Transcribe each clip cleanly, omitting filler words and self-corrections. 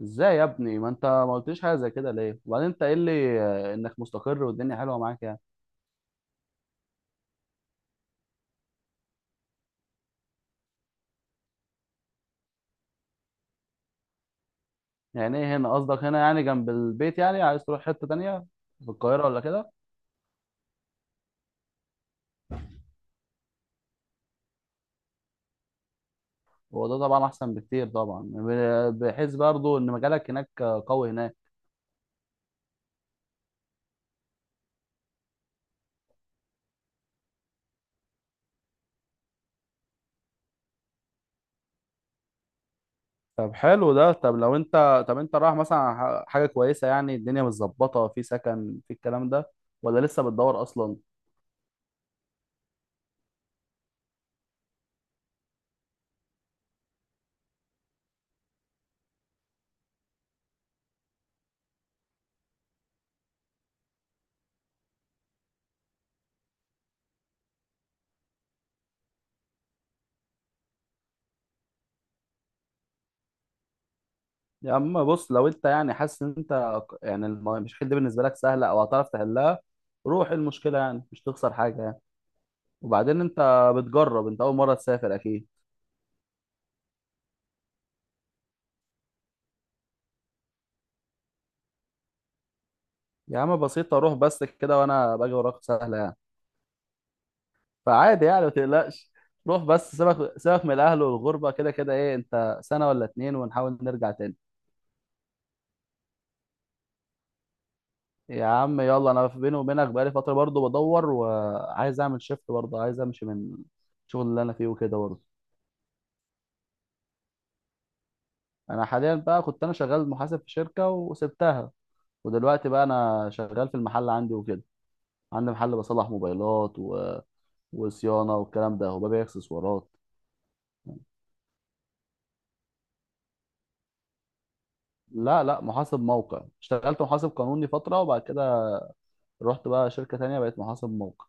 ازاي يا ابني؟ ما انت ما قلتليش حاجه زي كده ليه؟ وبعدين انت قايل لي انك مستقر والدنيا حلوه معاك يعني. يعني ايه هنا؟ قصدك هنا يعني جنب البيت؟ يعني عايز تروح حته تانية في القاهره ولا كده؟ هو ده طبعا احسن بكتير طبعا، بحيث برضو ان مجالك هناك قوي هناك. طب حلو ده. طب انت رايح مثلا على حاجه كويسه، يعني الدنيا متظبطه في سكن في الكلام ده ولا لسه بتدور اصلا؟ يا اما بص، لو انت يعني حاسس ان انت يعني المشاكل دي بالنسبه لك سهله او هتعرف تحلها، روح. المشكله يعني مش تخسر حاجه يعني. وبعدين انت بتجرب، انت اول مره تسافر اكيد. يا عم بسيطه، روح بس كده وانا باجي وراك، سهله يعني. فعادي يعني ما تقلقش. روح بس، سيبك سيبك من الاهل والغربه. كده كده ايه، انت سنه ولا اتنين ونحاول نرجع تاني. يا عم يلا، انا بيني وبينك بقالي فتره برضه بدور وعايز اعمل شيفت برضه، عايز امشي من الشغل اللي انا فيه وكده برضه. انا حاليا بقى كنت انا شغال محاسب في شركه وسبتها، ودلوقتي بقى انا شغال في المحل عندي وكده. عندي محل بصلح موبايلات وصيانه والكلام ده، وببيع اكسسوارات. لا لا، محاسب موقع. اشتغلت محاسب قانوني فتره وبعد كده رحت بقى شركه تانية بقيت محاسب موقع.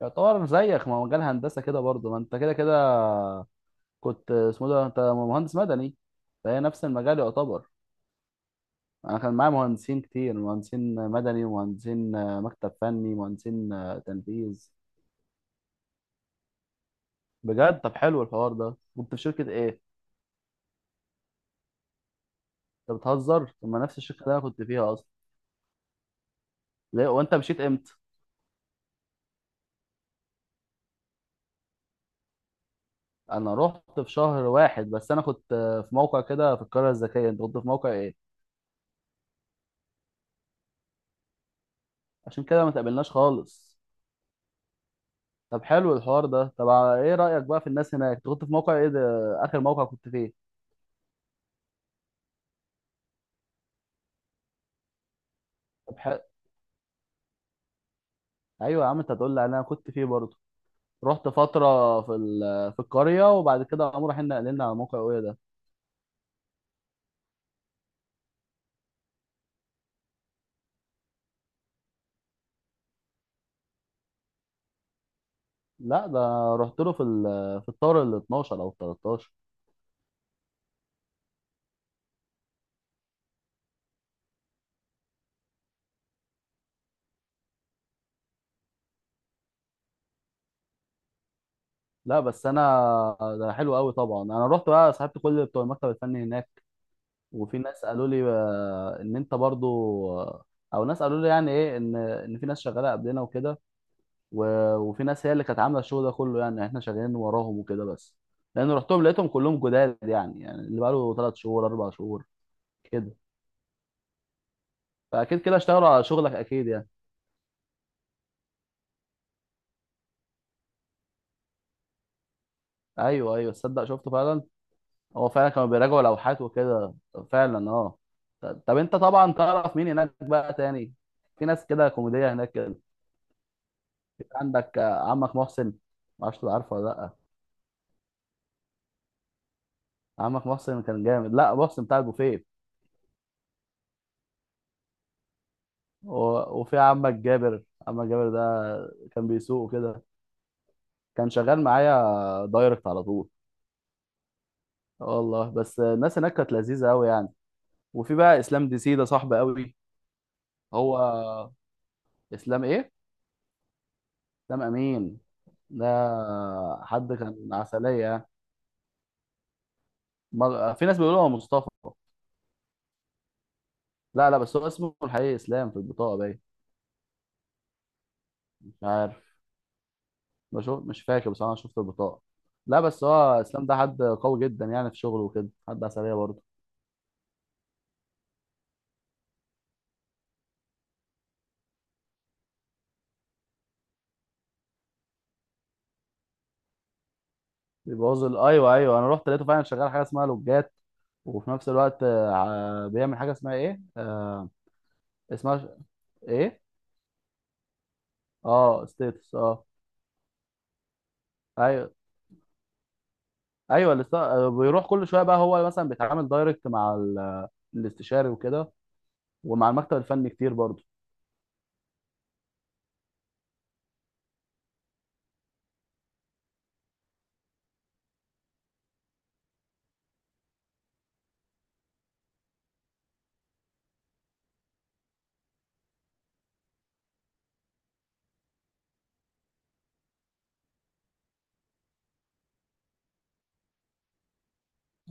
يعتبر زيك، ما هو مجال هندسه كده برضه. ما انت كده كده كنت اسمه ده، انت مهندس مدني، فهي نفس المجال يعتبر. انا كان معايا مهندسين كتير، مهندسين مدني ومهندسين مكتب فني، مهندسين تنفيذ. بجد؟ طب حلو الحوار ده. كنت في شركة ايه؟ انت بتهزر؟ طب ما نفس الشركة اللي انا كنت فيها اصلا! ليه؟ وانت مشيت امتى؟ انا رحت في شهر واحد، بس انا كنت في موقع كده في القرية الذكية. انت كنت في موقع ايه؟ عشان كده ما تقابلناش خالص. طب حلو الحوار ده. طب ايه رأيك بقى في الناس هناك؟ انت كنت في موقع ايه ده، اخر موقع كنت فيه؟ طب حلو. ايوه يا عم، انت هتقول لي انا كنت فيه برضه. رحت فترة في في القرية، وبعد كده قاموا رايحين نقلنا على موقع ايه ده. لا ده، رحت له في في الطور ال 12 او ال 13. لا بس انا، ده حلو قوي طبعا. انا رحت بقى صاحبت كل بتوع المكتب الفني هناك. وفي ناس قالوا لي ان انت برضو، آه، او ناس قالوا لي يعني ايه، ان في ناس شغاله قبلنا وكده. وفي ناس هي اللي كانت عامله الشغل ده كله، يعني احنا شغالين وراهم وكده بس. لان رحتهم لقيتهم كلهم جداد يعني اللي بقاله 3 شهور 4 شهور كده. فاكيد كده اشتغلوا على شغلك اكيد يعني. ايوه ايوه، تصدق شفته فعلا. هو فعلا كانوا بيراجعوا لوحات وكده. فعلا اه. طب انت طبعا تعرف مين هناك بقى تاني؟ في ناس كده كوميدية هناك كده. عندك عمك محسن، ما اعرفش عارفه ولا لا. عمك محسن كان جامد، لا محسن بتاع البوفيه. وفي عمك جابر، عمك جابر ده كان بيسوق كده، كان شغال معايا دايركت على طول. آه والله، بس الناس هناك كانت لذيذة قوي يعني. وفي بقى اسلام ديسي، ده صاحبي قوي. هو اسلام ايه؟ اسلام امين؟ ده حد كان عسلية. في ناس بيقولوا هو مصطفى. لا لا، بس هو اسمه الحقيقي اسلام، في البطاقة باين. مش عارف، بشوف. مش فاكر، بس انا شفت البطاقة. لا بس هو اسلام ده حد قوي جدا يعني في شغله وكده، حد عسلية برضه. ايوه ايوه، انا رحت لقيته فعلا شغال حاجة اسمها لوجات. وفي نفس الوقت بيعمل حاجة اسمها ايه، اسمها ايه؟ اه ستيتس، اه. ايوه ايوه. بيروح كل شويه بقى هو مثلا بيتعامل دايركت مع الاستشاري وكده. ومع المكتب الفني كتير برضه.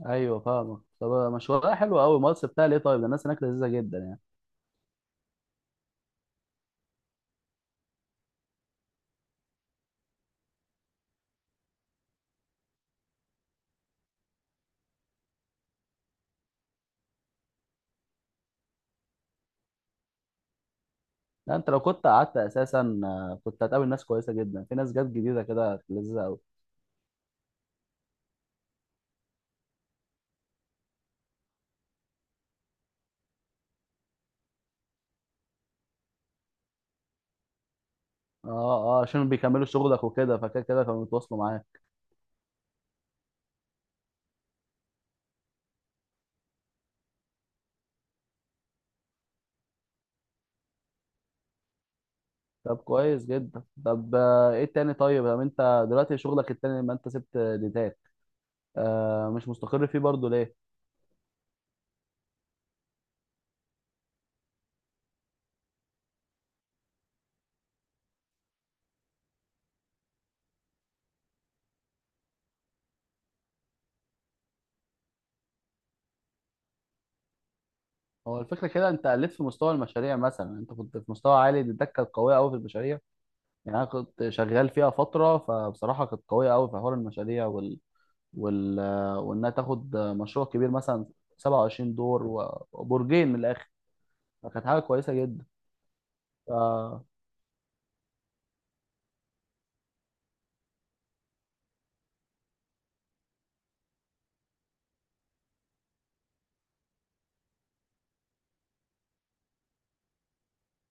ايوه فاهمك. طب مشوارها حلو قوي مصر بتاع ليه، طيب، ده الناس هناك لذيذه جدا يعني. لا انت لو كنت قعدت اساسا كنت هتقابل ناس كويسه جدا، في ناس جت جديده كده لذيذه قوي. اه اه، عشان بيكملوا شغلك وكده، فكده كده كانوا بيتواصلوا معاك. طب كويس جدا. طب ايه التاني طيب؟ طب انت دلوقتي شغلك التاني لما انت سبت ديتاك مش مستقر فيه برضه ليه؟ هو الفكره كده، انت قلت في مستوى المشاريع مثلا، انت كنت في مستوى عالي. ديتاك كانت قويه قوي في المشاريع. يعني انا كنت شغال فيها فتره، فبصراحه كانت قويه قوي في حوار المشاريع وال... وانها تاخد مشروع كبير مثلا 27 دور وبرجين من الاخر، فكانت حاجه كويسه جدا. ف...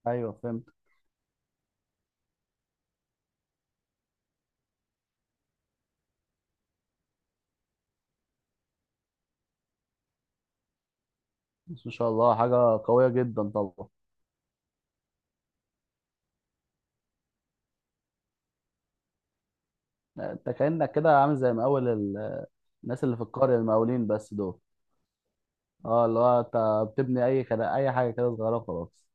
ايوه فهمت. بس ما شاء الله، حاجه قويه جدا طبعا. انت كانك كده عامل زي مقاول الناس اللي في القريه، المقاولين بس دول. اه، اللي هو انت بتبني اي كده، اي حاجه كده صغيره وخلاص.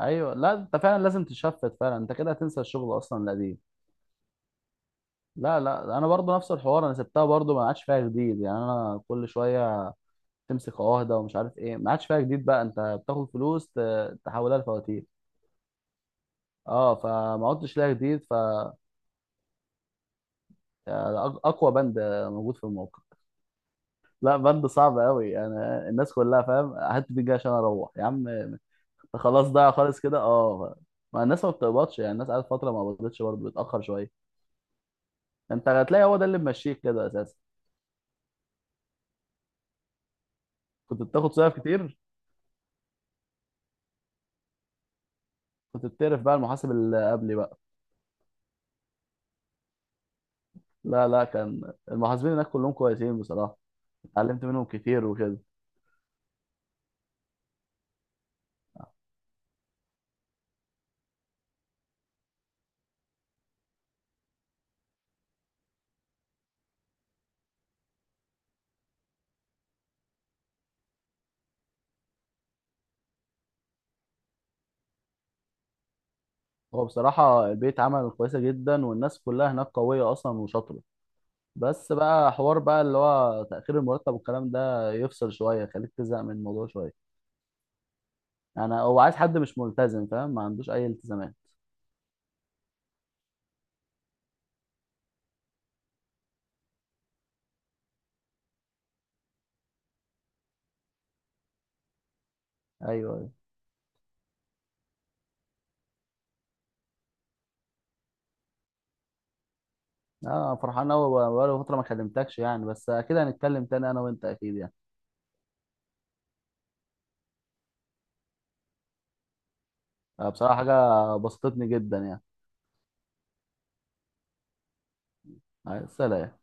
ايوه. لا انت فعلا لازم تشفت فعلا، انت كده هتنسى الشغل اصلا القديم. لا لا، انا برضو نفس الحوار، انا سبتها برضو ما عادش فيها جديد يعني. انا كل شويه تمسك عهده ومش عارف ايه، ما عادش فيها جديد بقى. انت بتاخد فلوس تحولها لفواتير. اه فما عدتش لها جديد. يعني اقوى بند موجود في الموقع. لا بند صعب قوي يعني. الناس كلها فاهم، هات دي جاي عشان اروح يا عم أنت! خلاص ضايع خالص كده. اه، ما الناس ما بتقبضش يعني، الناس قعدت فتره ما قبضتش، برضه بتاخر شويه. انت هتلاقي هو ده اللي ممشيك كده اساسا. كنت بتاخد صيف كتير؟ كنت بتعرف بقى المحاسب اللي قبلي بقى؟ لا لا، كان المحاسبين هناك كلهم كويسين بصراحة. اتعلمت منهم كتير وكده. هو بصراحة البيت عمل كويسة جدا، والناس كلها هناك قوية أصلا وشاطرة. بس بقى حوار بقى اللي هو تأخير المرتب والكلام ده يفصل شوية، يخليك تزهق من الموضوع شوية. يعني هو عايز حد مش ملتزم، فاهم، ما عندوش أي التزامات. أيوه أيوه، أنا فرحان أوي. بقالي فترة ما كلمتكش يعني، بس أكيد هنتكلم تاني أنا وأنت أكيد يعني. بصراحة حاجة بسطتني جدا يعني. سلام.